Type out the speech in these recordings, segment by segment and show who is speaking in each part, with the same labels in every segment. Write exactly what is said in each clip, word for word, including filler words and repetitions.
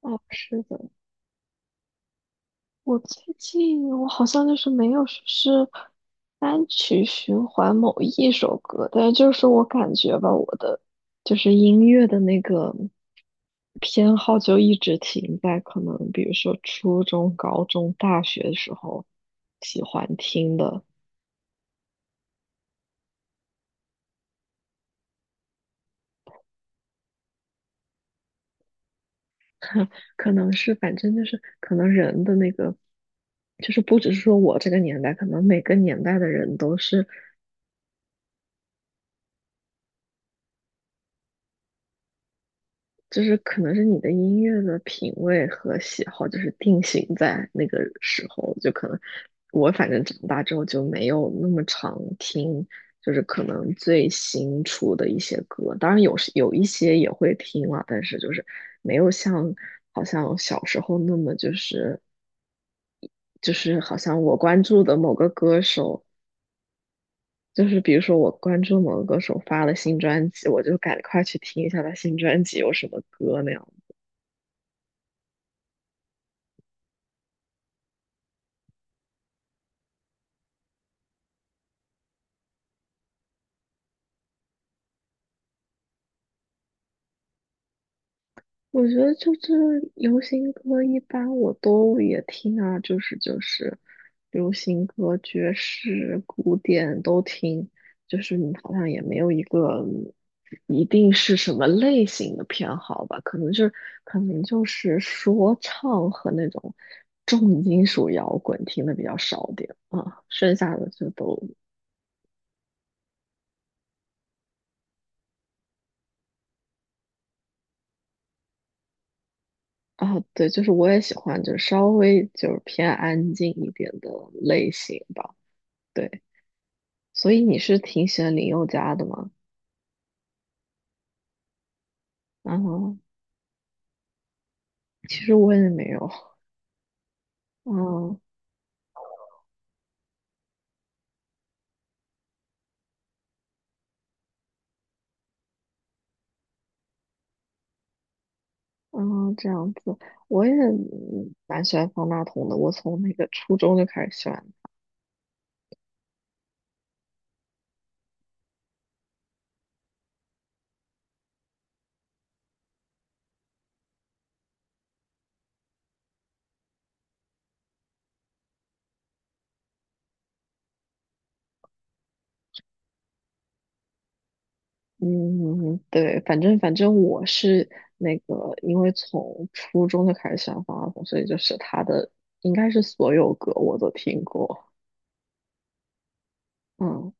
Speaker 1: 哦，是的，我最近我好像就是没有说是单曲循环某一首歌，但是就是我感觉吧，我的就是音乐的那个偏好就一直停在可能比如说初中、高中、大学的时候喜欢听的，可能是反正就是可能人的那个。就是不只是说我这个年代，可能每个年代的人都是就是可能是你的音乐的品味和喜好，就是定型在那个时候，就可能我反正长大之后就没有那么常听，就是可能最新出的一些歌，当然有时有一些也会听了，但是就是没有像好像小时候那么就是就是好像我关注的某个歌手。就是比如说，我关注某个歌手发了新专辑，我就赶快去听一下他新专辑有什么歌那样。我觉得就是流行歌，一般我都也听啊，就是就是流行歌、爵士、古典都听，就是你好像也没有一个一定是什么类型的偏好吧，可能就是可能就是说唱和那种重金属摇滚听的比较少点啊，剩下的就都啊，对，就是我也喜欢就是稍微就是偏安静一点的类型吧。对。所以你是挺喜欢林宥嘉的吗？嗯，其实我也没有。嗯嗯，这样子，我也嗯蛮喜欢方大同的。我从那个初中就开始喜欢。嗯，对，反正反正我是那个，因为从初中就开始喜欢方大同，所以就是他的应该是所有歌我都听过。嗯，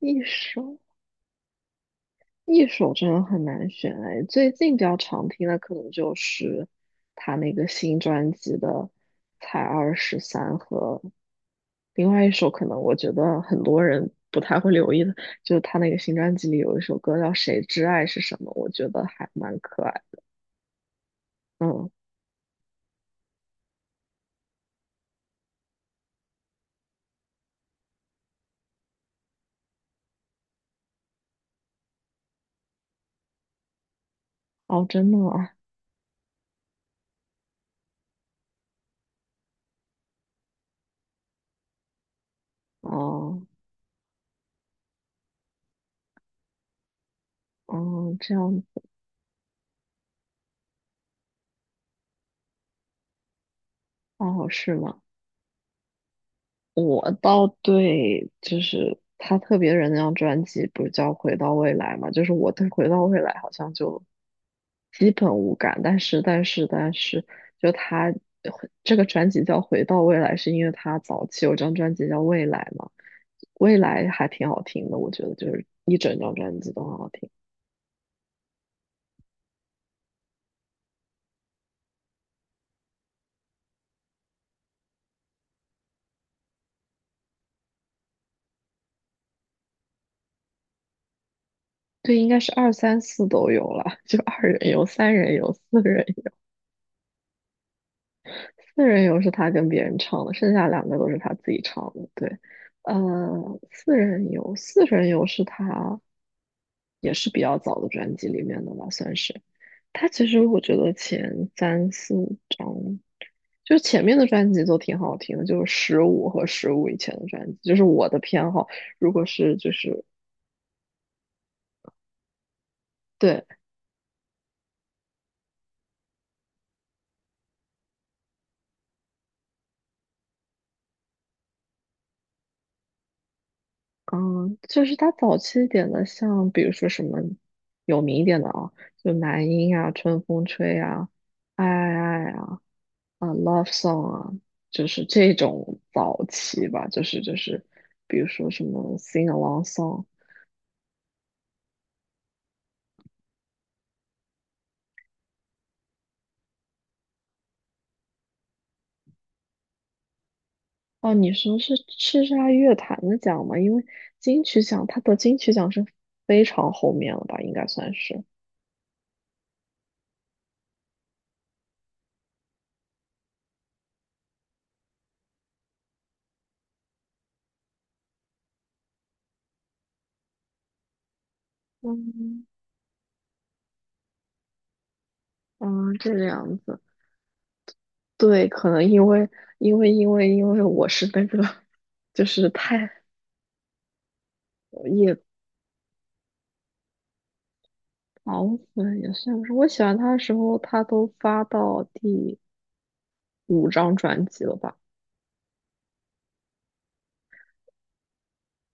Speaker 1: 一首。一首真的很难选哎，最近比较常听的可能就是他那个新专辑的《才二十三》和另外一首，可能我觉得很多人不太会留意的，就是他那个新专辑里有一首歌叫《谁之爱是什么》，我觉得还蛮可爱。嗯，哦，真的啊，哦，哦，这样，哦，是吗？我倒对，就是他特别人那张专辑不是叫《回到未来》嘛，就是我对《回到未来》好像就基本无感，但是但是但是，就他这个专辑叫《回到未来》，是因为他早期有张专辑叫《未来》嘛，《未来》还挺好听的，我觉得就是一整张专辑都很好听。对，应该是二三四都有了，就二人游、三人游、四人游四人游是他跟别人唱的，剩下两个都是他自己唱的。对，呃，四人游四人游是他也是比较早的专辑里面的吧，算是。他其实我觉得前三四五张，就前面的专辑都挺好听的，就是十五和十五以前的专辑，就是我的偏好。如果是就是对，嗯，就是他早期一点的，像比如说什么有名一点的啊，就男音啊，春风吹啊，爱爱爱啊，啊，Love Song 啊，就是这种早期吧，就是就是，比如说什么 Sing Along Song。哦，你说是叱咤乐坛的奖吗？因为金曲奖，他得金曲奖是非常后面了吧，应该算是。嗯，嗯，这个样子。对，可能因为因为因为因为我是那个，就是太也狂粉也算不是。我喜欢他的时候，他都发到第五张专辑了吧？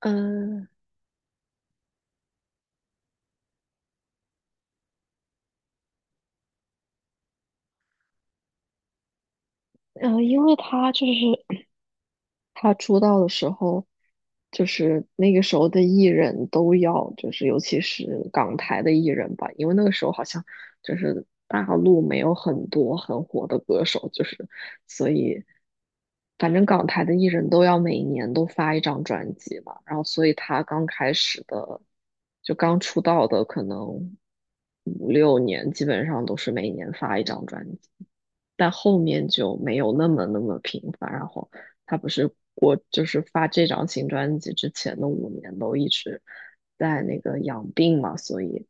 Speaker 1: 嗯嗯，呃，因为他就是 他出道的时候，就是那个时候的艺人都要，就是尤其是港台的艺人吧，因为那个时候好像就是大陆没有很多很火的歌手，就是所以反正港台的艺人都要每年都发一张专辑嘛，然后所以他刚开始的就刚出道的可能五六年，基本上都是每年发一张专辑。但后面就没有那么那么频繁，然后他不是我就是发这张新专辑之前的五年都一直在那个养病嘛，所以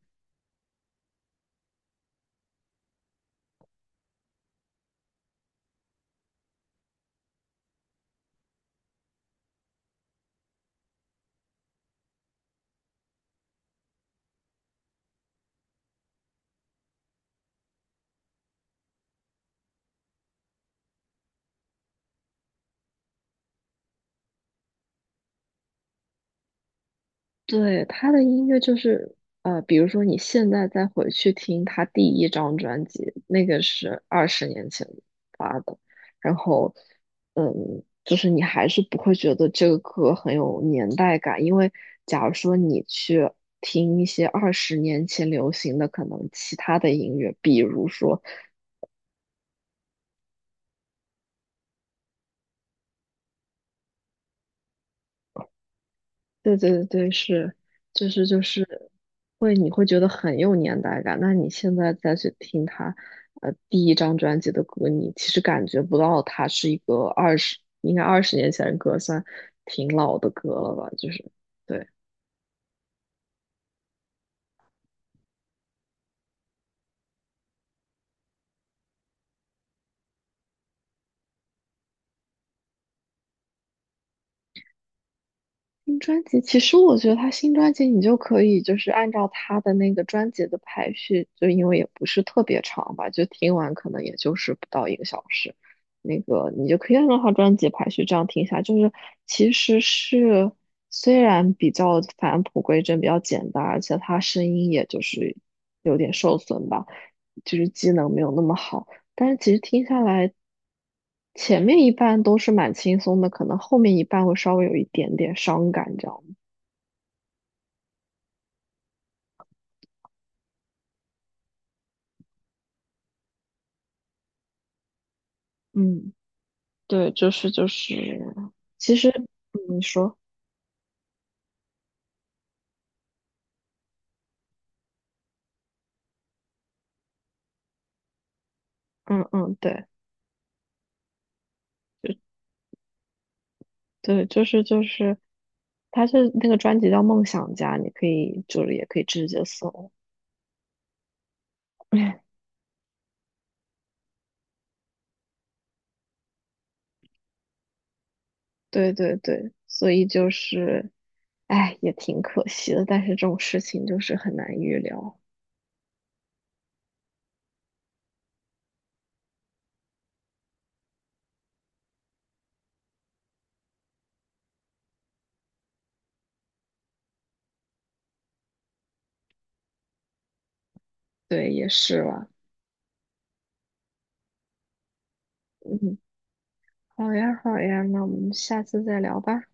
Speaker 1: 对他的音乐就是呃，比如说你现在再回去听他第一张专辑，那个是二十年前发的，然后嗯，就是你还是不会觉得这个歌很有年代感，因为假如说你去，听一些二十年前流行的可能其他的音乐，比如说对对对对，是，就是就是会，你会觉得很有年代感。那你现在再去听他，呃，第一张专辑的歌，你其实感觉不到他是一个二十，应该二十年前的歌，算挺老的歌了吧？就是，对。新专辑，其实我觉得他新专辑你就可以就是按照他的那个专辑的排序，就因为也不是特别长吧，就听完可能也就是不到一个小时，那个你就可以按照他专辑排序这样听一下，就是其实是虽然比较返璞归真，比较简单，而且他声音也就是有点受损吧，就是机能没有那么好，但是其实听下来。前面一半都是蛮轻松的，可能后面一半会稍微有一点点伤感，这样。嗯，对，就是就是，其实嗯你说，嗯嗯，对，就对，就是就是，他是那个专辑叫《梦想家》，你可以就是也可以直接搜，对对对，所以就是，哎，也挺可惜的，但是这种事情就是很难预料，对，也是吧，嗯，好呀好呀，那我们下次再聊吧。